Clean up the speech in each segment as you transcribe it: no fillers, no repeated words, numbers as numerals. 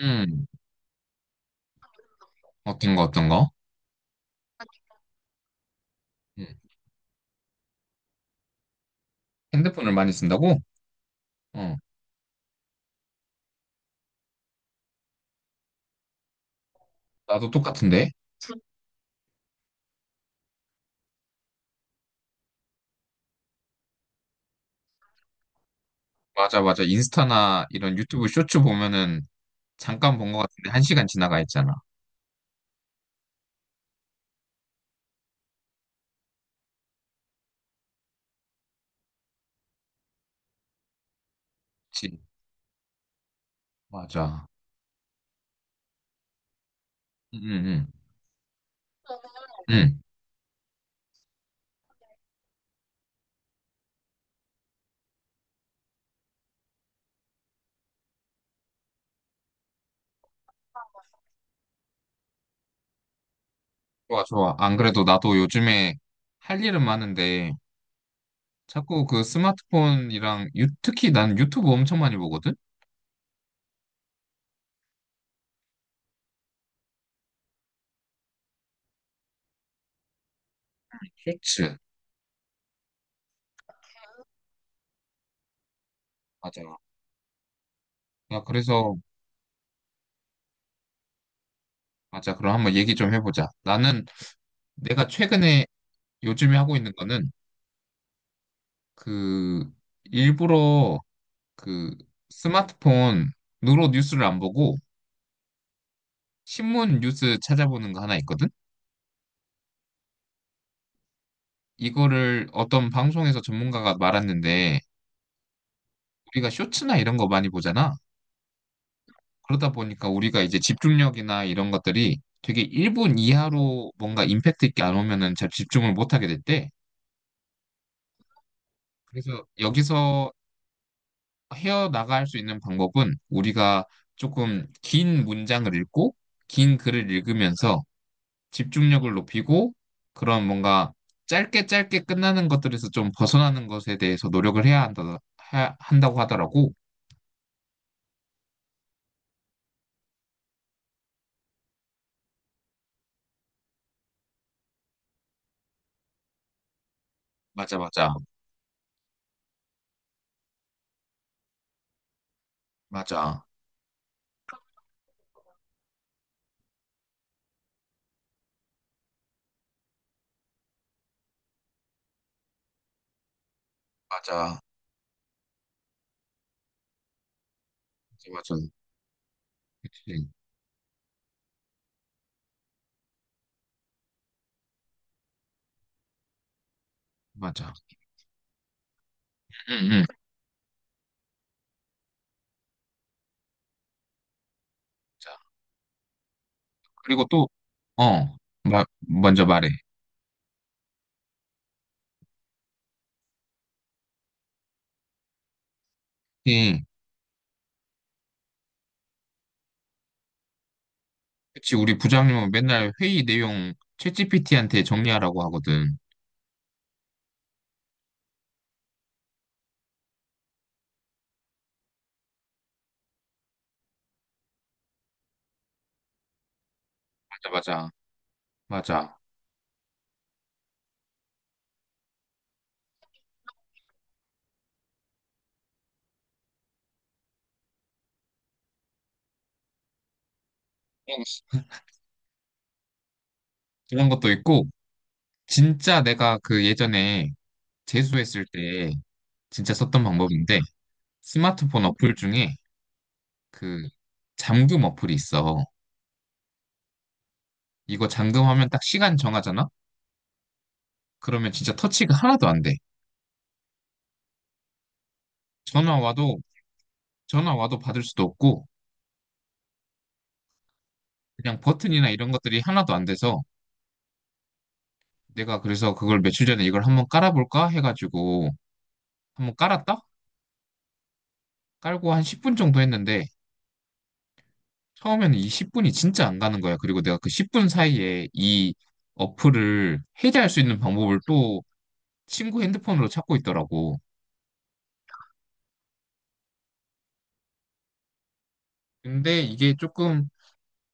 음, 어떤 거, 어떤 거? 음. 핸드폰을 많이 쓴다고? 어, 나도 똑같은데. 맞아, 맞아. 인스타나 이런 유튜브 쇼츠 보면은 잠깐 본 거 같은데 한 시간 지나가 있잖아. 그치? 맞아. 응, 응, 응. 응. 좋아, 좋아. 안 그래도 나도 요즘에 할 일은 많은데 자꾸 그 스마트폰이랑 특히 난 유튜브 엄청 많이 보거든? 쇼츠. 맞아. 나 그래서, 맞아. 그럼 한번 얘기 좀 해보자. 나는 내가 최근에 요즘에 하고 있는 거는 그 일부러 그 스마트폰으로 뉴스를 안 보고 신문 뉴스 찾아보는 거 하나 있거든? 이거를 어떤 방송에서 전문가가 말았는데 우리가 쇼츠나 이런 거 많이 보잖아. 그러다 보니까 우리가 이제 집중력이나 이런 것들이 되게 1분 이하로 뭔가 임팩트 있게 안 오면은 잘 집중을 못 하게 됐대. 그래서 여기서 헤어나갈 수 있는 방법은 우리가 조금 긴 문장을 읽고 긴 글을 읽으면서 집중력을 높이고 그런 뭔가 짧게 짧게 끝나는 것들에서 좀 벗어나는 것에 대해서 노력을 해야 한다, 한다고 하더라고. 맞아, 맞아, 맞아, 맞아, 맞아, 맞아, 그치, 맞아. 응, 응. 자, 그리고 또, 어, 먼저 말해. 예, 그치, 우리 부장님은 맨날 회의 내용 챗GPT한테 정리하라고 하거든. 맞아, 맞아, 맞아. 그런 그런 것도 있고, 진짜 내가 그 예전에 재수했을 때 진짜 썼던 방법인데, 스마트폰 어플 중에 그 잠금 어플이 있어. 이거 잠금하면 딱 시간 정하잖아? 그러면 진짜 터치가 하나도 안 돼. 전화 와도, 전화 와도 받을 수도 없고, 그냥 버튼이나 이런 것들이 하나도 안 돼서, 내가 그래서 그걸 며칠 전에 이걸 한번 깔아볼까 해가지고, 한번 깔았다? 깔고 한 10분 정도 했는데, 처음에는 이 10분이 진짜 안 가는 거야. 그리고 내가 그 10분 사이에 이 어플을 해제할 수 있는 방법을 또 친구 핸드폰으로 찾고 있더라고. 근데 이게 조금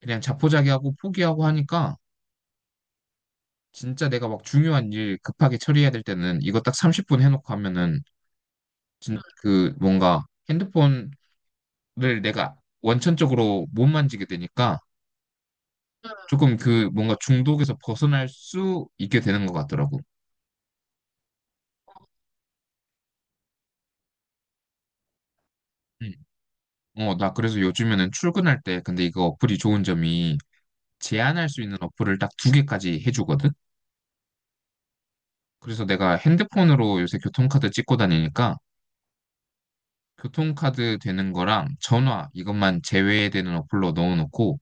그냥 자포자기하고 포기하고 하니까 진짜 내가 막 중요한 일 급하게 처리해야 될 때는 이거 딱 30분 해놓고 하면은 진 그 뭔가 핸드폰을 내가 원천적으로 못 만지게 되니까 조금 그 뭔가 중독에서 벗어날 수 있게 되는 것 같더라고. 음. 어, 나 그래서 요즘에는 출근할 때 근데 이거 어플이 좋은 점이 제한할 수 있는 어플을 딱 두 개까지 해주거든. 그래서 내가 핸드폰으로 요새 교통카드 찍고 다니니까 교통카드 되는 거랑 전화 이것만 제외되는 어플로 넣어놓고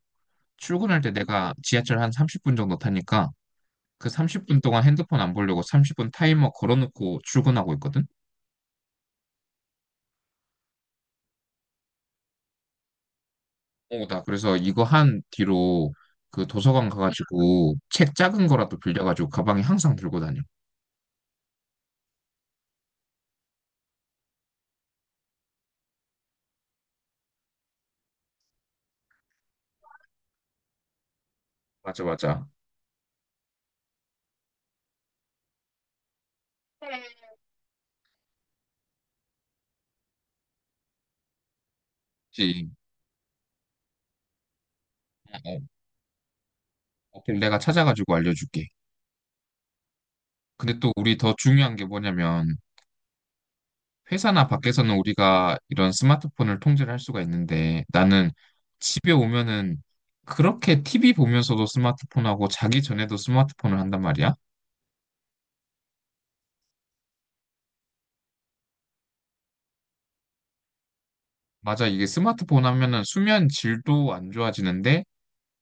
출근할 때 내가 지하철 한 30분 정도 타니까 그 30분 동안 핸드폰 안 보려고 30분 타이머 걸어놓고 출근하고 있거든? 어, 나 그래서 이거 한 뒤로 그 도서관 가가지고 책 작은 거라도 빌려가지고 가방에 항상 들고 다녀. 맞아, 맞아. 그치. 어, 어, 내가 찾아가지고 알려줄게. 근데 또 우리 더 중요한 게 뭐냐면 회사나 밖에서는 우리가 이런 스마트폰을 통제를 할 수가 있는데 나는 집에 오면은 그렇게 TV 보면서도 스마트폰하고 자기 전에도 스마트폰을 한단 말이야. 맞아, 이게 스마트폰 하면은 수면 질도 안 좋아지는데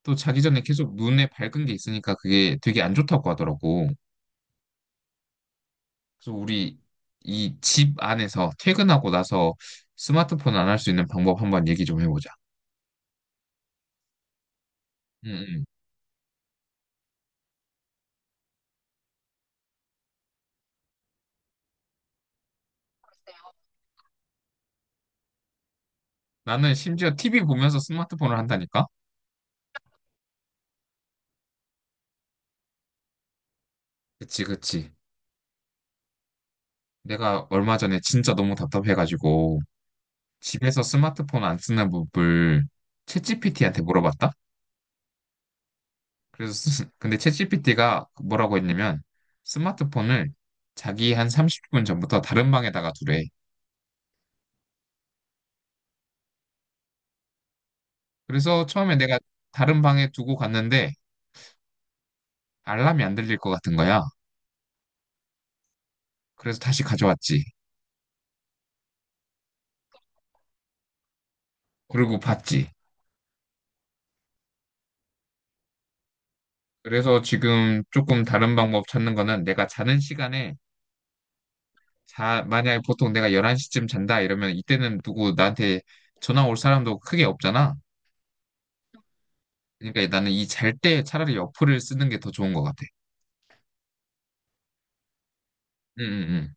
또 자기 전에 계속 눈에 밝은 게 있으니까 그게 되게 안 좋다고 하더라고. 그래서 우리 이 집 안에서 퇴근하고 나서 스마트폰 안 할 수 있는 방법 한번 얘기 좀 해보자. 응, 응. 나는 심지어 TV 보면서 스마트폰을 한다니까? 그치, 그치. 내가 얼마 전에 진짜 너무 답답해가지고 집에서 스마트폰 안 쓰는 법을 챗GPT한테 물어봤다? 그래서 근데 챗GPT가 뭐라고 했냐면 스마트폰을 자기 한 30분 전부터 다른 방에다가 두래. 그래서 처음에 내가 다른 방에 두고 갔는데 알람이 안 들릴 것 같은 거야. 그래서 다시 가져왔지. 그리고 봤지. 그래서 지금 조금 다른 방법 찾는 거는 내가 자는 시간에 자, 만약에 보통 내가 11시쯤 잔다 이러면 이때는 누구 나한테 전화 올 사람도 크게 없잖아. 그러니까 나는 이 잘 때 차라리 어플을 쓰는 게 더 좋은 것 같아. 응, 응, 응.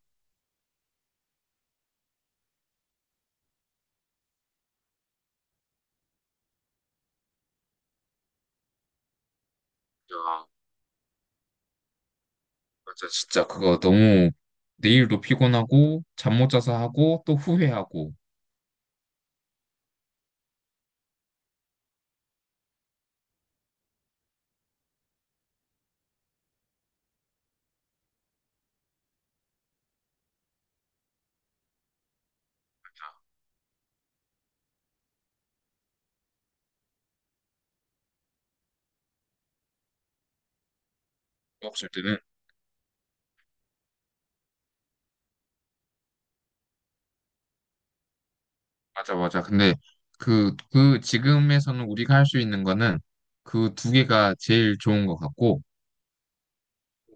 야, 맞아. 진짜 그거 너무 내일도 피곤하고 잠 못 자서 하고 또 후회하고 없을 때는 맞아, 맞아. 근데 그 지금에서는 우리가 할 수 있는 거는 그 두 개가 제일 좋은 것 같고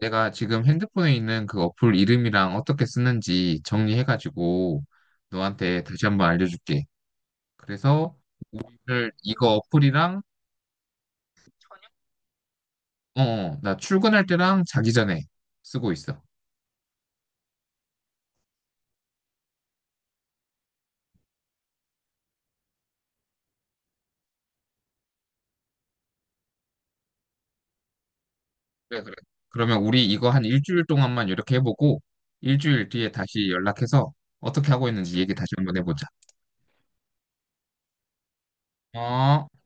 내가 지금 핸드폰에 있는 그 어플 이름이랑 어떻게 쓰는지 정리해가지고 너한테 다시 한번 알려줄게. 그래서 이거 어플이랑 어, 어, 나 출근할 때랑 자기 전에 쓰고 있어. 그래, 그래. 그러면 우리 이거 한 일주일 동안만 이렇게 해보고 일주일 뒤에 다시 연락해서 어떻게 하고 있는지 얘기 다시 한번 해보자. 어.